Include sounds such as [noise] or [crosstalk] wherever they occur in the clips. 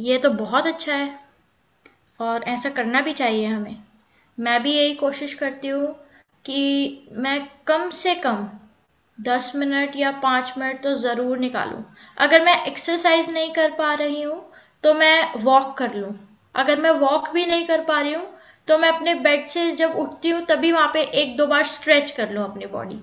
ये तो बहुत अच्छा है और ऐसा करना भी चाहिए हमें। मैं भी यही कोशिश करती हूँ कि मैं कम से कम 10 मिनट या 5 मिनट तो ज़रूर निकालूं। अगर मैं एक्सरसाइज नहीं कर पा रही हूँ तो मैं वॉक कर लूँ। अगर मैं वॉक भी नहीं कर पा रही हूँ तो मैं अपने बेड से जब उठती हूँ तभी वहाँ पे 1-2 बार स्ट्रेच कर लूँ अपनी बॉडी।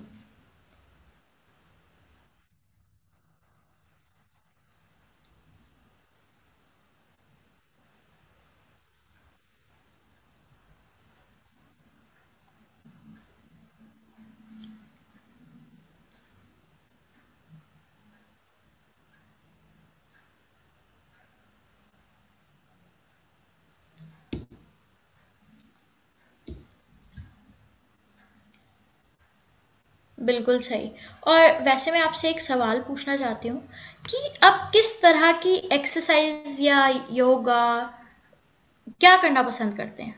बिल्कुल सही। और वैसे मैं आपसे एक सवाल पूछना चाहती हूँ कि आप किस तरह की एक्सरसाइज़ या योगा क्या करना पसंद करते हैं?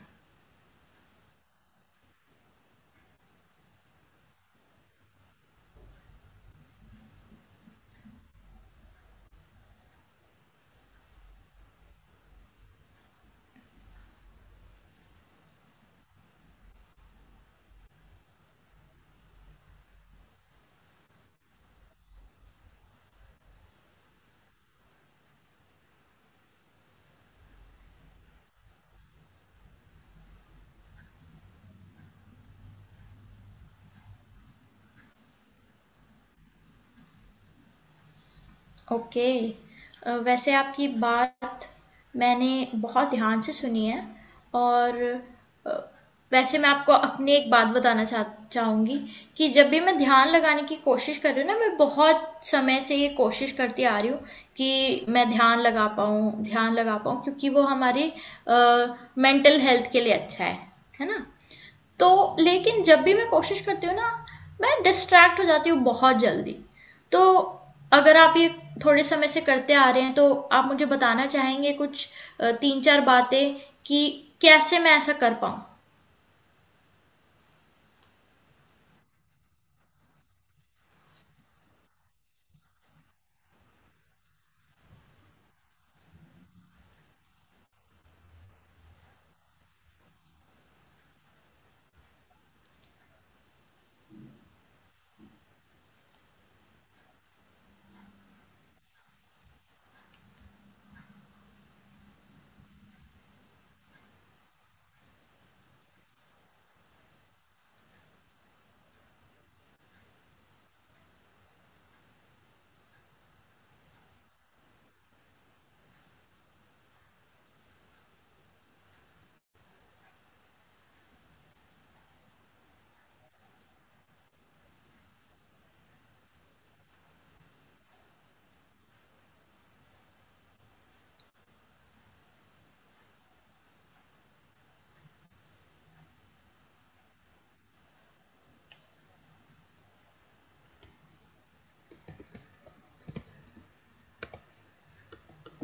ओके। वैसे आपकी बात मैंने बहुत ध्यान से सुनी है। और अ, वैसे मैं आपको अपनी एक बात बताना चाहूँगी कि जब भी मैं ध्यान लगाने की कोशिश कर रही हूँ ना, मैं बहुत समय से ये कोशिश करती आ रही हूँ कि मैं ध्यान लगा पाऊँ, ध्यान लगा पाऊँ, क्योंकि वो हमारी मेंटल हेल्थ के लिए अच्छा है ना। तो लेकिन जब भी मैं कोशिश करती हूँ ना, मैं डिस्ट्रैक्ट हो जाती हूँ बहुत जल्दी। तो अगर आप ये थोड़े समय से करते आ रहे हैं, तो आप मुझे बताना चाहेंगे कुछ 3-4 बातें कि कैसे मैं ऐसा कर पाऊँ?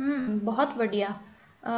हुँ, बहुत बढ़िया। अ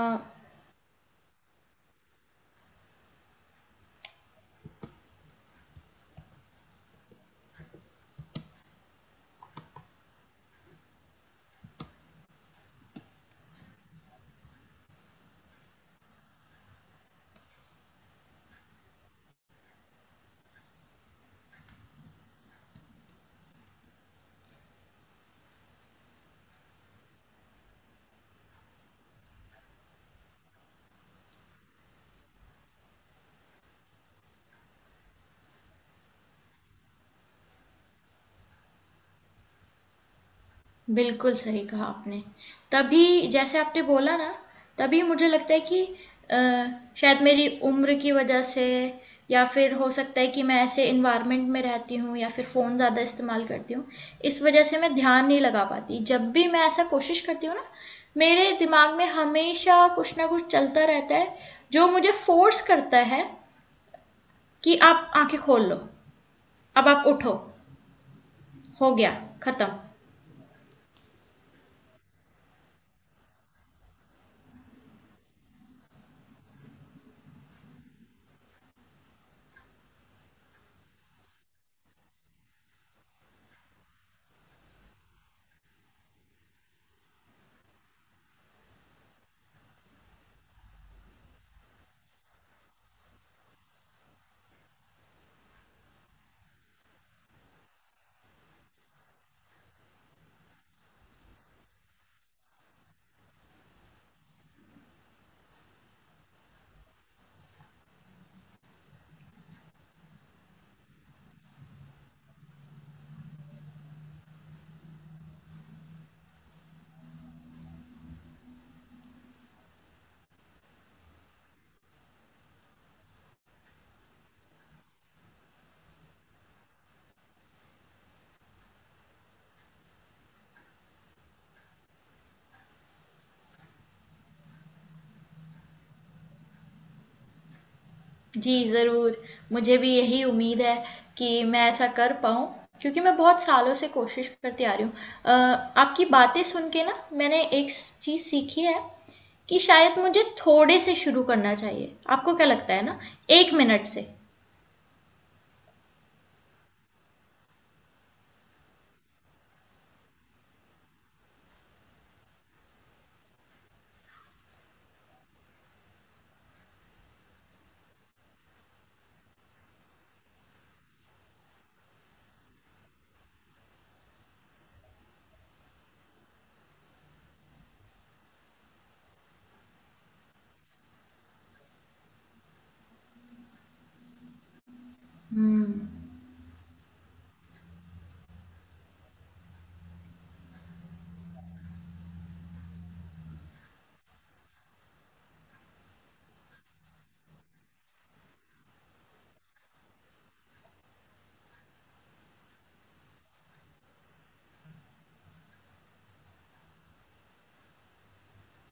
बिल्कुल सही कहा आपने। तभी जैसे आपने बोला ना, तभी मुझे लगता है कि अ, शायद मेरी उम्र की वजह से या फिर हो सकता है कि मैं ऐसे एनवायरनमेंट में रहती हूँ, या फिर फ़ोन ज़्यादा इस्तेमाल करती हूँ, इस वजह से मैं ध्यान नहीं लगा पाती। जब भी मैं ऐसा कोशिश करती हूँ ना, मेरे दिमाग में हमेशा कुछ ना कुछ चलता रहता है, जो मुझे फ़ोर्स करता है कि आप आँखें खोल लो, अब आप उठो, हो गया, खत्म। जी, ज़रूर। मुझे भी यही उम्मीद है कि मैं ऐसा कर पाऊँ क्योंकि मैं बहुत सालों से कोशिश करती आ रही हूँ। अ, आपकी बातें सुन के ना मैंने एक स चीज़ सीखी है कि शायद मुझे थोड़े से शुरू करना चाहिए। आपको क्या लगता है ना? 1 मिनट से। हुँ।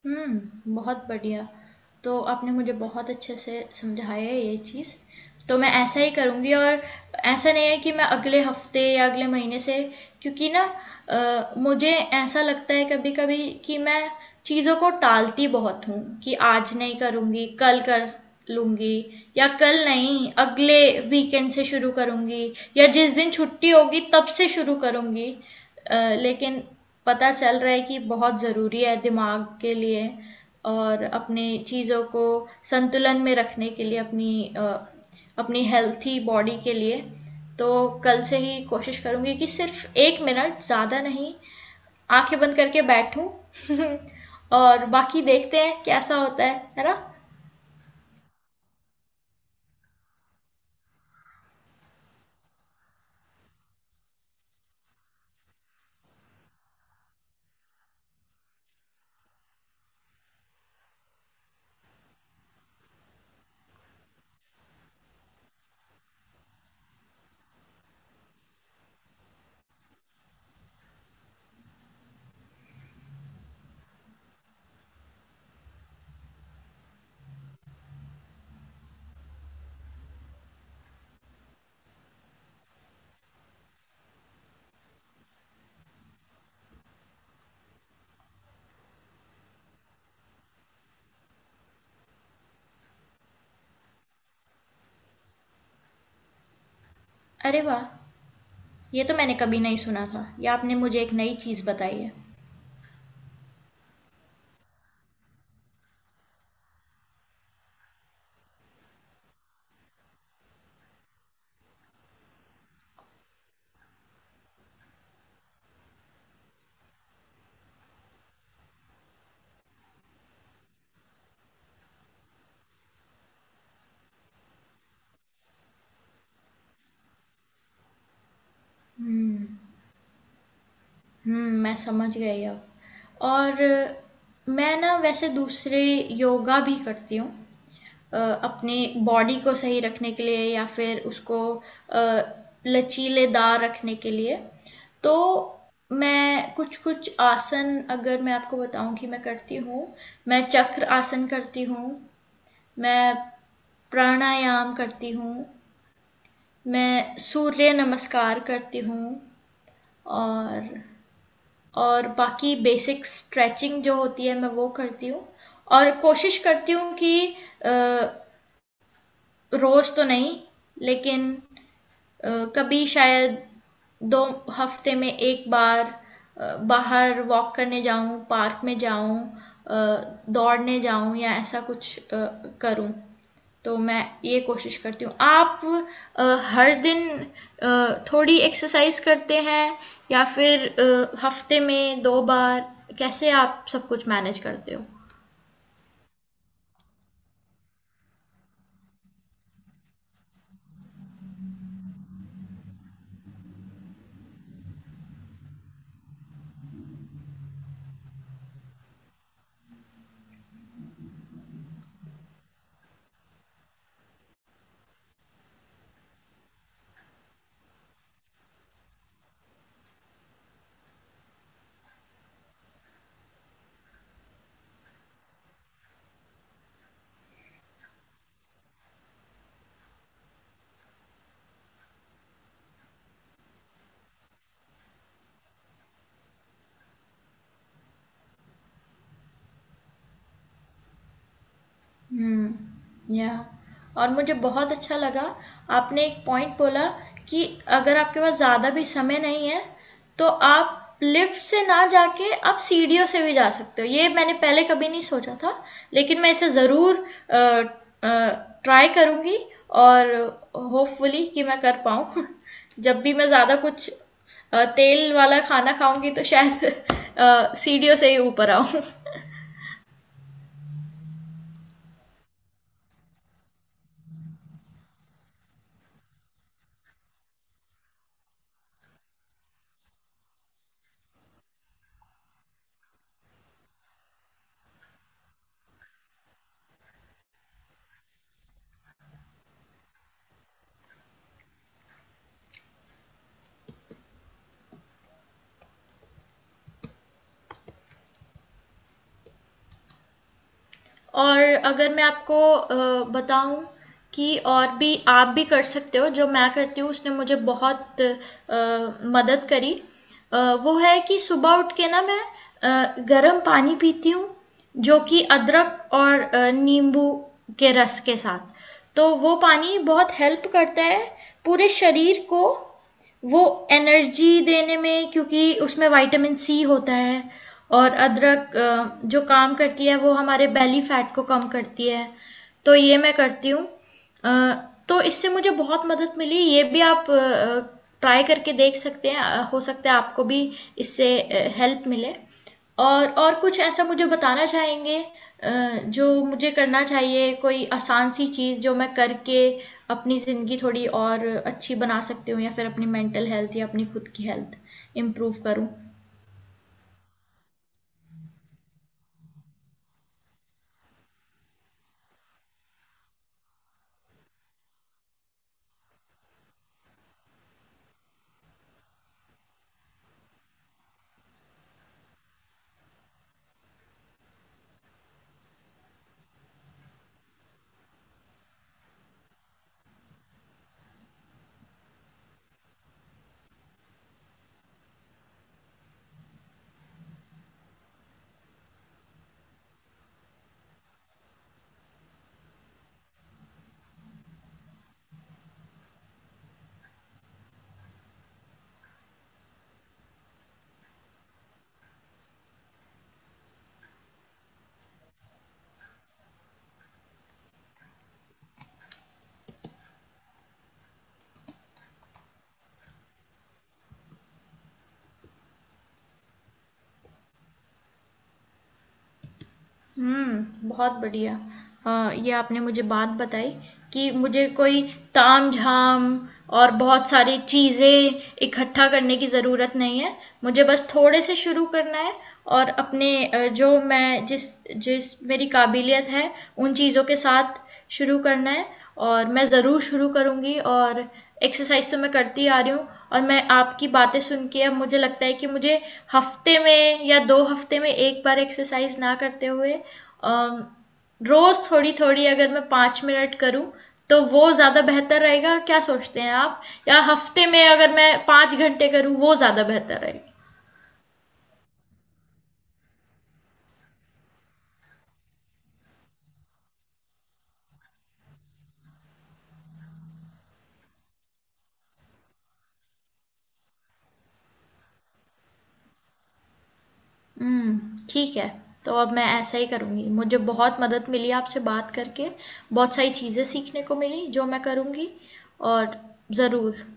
हुँ, बहुत बढ़िया। तो आपने मुझे बहुत अच्छे से समझाया है ये चीज़। तो मैं ऐसा ही करूँगी, और ऐसा नहीं है कि मैं अगले हफ्ते या अगले महीने से, क्योंकि ना मुझे ऐसा लगता है कभी कभी कि मैं चीज़ों को टालती बहुत हूँ कि आज नहीं करूँगी, कल कर लूँगी, या कल नहीं अगले वीकेंड से शुरू करूँगी, या जिस दिन छुट्टी होगी तब से शुरू करूँगी। अ, लेकिन पता चल रहा है कि बहुत ज़रूरी है दिमाग के लिए और अपने चीज़ों को संतुलन में रखने के लिए, अपनी अपनी हेल्थी बॉडी के लिए। तो कल से ही कोशिश करूँगी कि सिर्फ 1 मिनट, ज़्यादा नहीं, आंखें बंद करके बैठूं। [laughs] और बाकी देखते हैं कैसा होता है ना। अरे वाह! ये तो मैंने कभी नहीं सुना था, ये आपने मुझे एक नई चीज़ बताई है। हम्म। हम्म, मैं समझ गई अब। और मैं ना वैसे दूसरे योगा भी करती हूँ, अपने बॉडी को सही रखने के लिए या फिर उसको अ, लचीलेदार रखने के लिए। तो मैं कुछ कुछ आसन, अगर मैं आपको बताऊं कि मैं करती हूँ, मैं चक्र आसन करती हूँ, मैं प्राणायाम करती हूँ, मैं सूर्य नमस्कार करती हूँ, और और बाकी बेसिक स्ट्रेचिंग जो होती है मैं वो करती हूँ। और कोशिश करती हूँ कि अ, रोज तो नहीं, लेकिन अ, कभी शायद 2 हफ़्ते में 1 बार बाहर वॉक करने जाऊँ, पार्क में जाऊँ, अ, दौड़ने जाऊँ या ऐसा कुछ करूँ, तो मैं ये कोशिश करती हूँ। आप अ, हर दिन थोड़ी एक्सरसाइज़ करते हैं या फिर हफ़्ते में 2 बार? कैसे आप सब कुछ मैनेज करते हो? हुँ, या। और मुझे बहुत अच्छा लगा, आपने एक पॉइंट बोला कि अगर आपके पास ज़्यादा भी समय नहीं है, तो आप लिफ्ट से ना जाके आप सीढ़ियों से भी जा सकते हो। ये मैंने पहले कभी नहीं सोचा था, लेकिन मैं इसे ज़रूर अ ट्राई करूँगी और होपफुली कि मैं कर पाऊँ। [laughs] जब भी मैं ज़्यादा कुछ तेल वाला खाना खाऊँगी तो शायद [laughs] सीढ़ियों से ही ऊपर आऊँ। और अगर मैं आपको बताऊं कि और भी आप भी कर सकते हो जो मैं करती हूँ, उसने मुझे बहुत मदद करी। अ, वो है कि सुबह उठ के ना मैं गर्म पानी पीती हूँ, जो कि अदरक और नींबू के रस के साथ। तो वो पानी बहुत हेल्प करता है पूरे शरीर को, वो एनर्जी देने में, क्योंकि उसमें विटामिन सी होता है। और अदरक जो काम करती है, वो हमारे बेली फैट को कम करती है। तो ये मैं करती हूँ, अ, तो इससे मुझे बहुत मदद मिली। ये भी आप ट्राई करके देख सकते हैं, हो सकता है आपको भी इससे हेल्प मिले। और कुछ ऐसा मुझे बताना चाहेंगे जो मुझे करना चाहिए, कोई आसान सी चीज़ जो मैं करके अपनी ज़िंदगी थोड़ी और अच्छी बना सकती हूँ, या फिर अपनी मेंटल हेल्थ या अपनी खुद की हेल्थ इम्प्रूव करूँ? हुँ, बहुत बढ़िया। ये आपने मुझे बात बताई कि मुझे कोई तामझाम और बहुत सारी चीज़ें इकट्ठा करने की ज़रूरत नहीं है। मुझे बस थोड़े से शुरू करना है और अपने जो मैं जिस जिस मेरी काबिलियत है, उन चीज़ों के साथ शुरू करना है, और मैं ज़रूर शुरू करूँगी। और एक्सरसाइज तो मैं करती आ रही हूँ, और मैं आपकी बातें सुन के अब मुझे लगता है कि मुझे हफ्ते में या 2 हफ्ते में 1 बार एक्सरसाइज ना करते हुए, रोज़ थोड़ी थोड़ी, अगर मैं 5 मिनट करूँ, तो वो ज़्यादा बेहतर रहेगा। क्या सोचते हैं आप? या हफ्ते में अगर मैं 5 घंटे करूँ, वो ज़्यादा बेहतर रहेगा? हुँ, ठीक है। तो अब मैं ऐसा ही करूँगी। मुझे बहुत मदद मिली आपसे बात करके, बहुत सारी चीज़ें सीखने को मिली जो मैं करूँगी, और ज़रूर।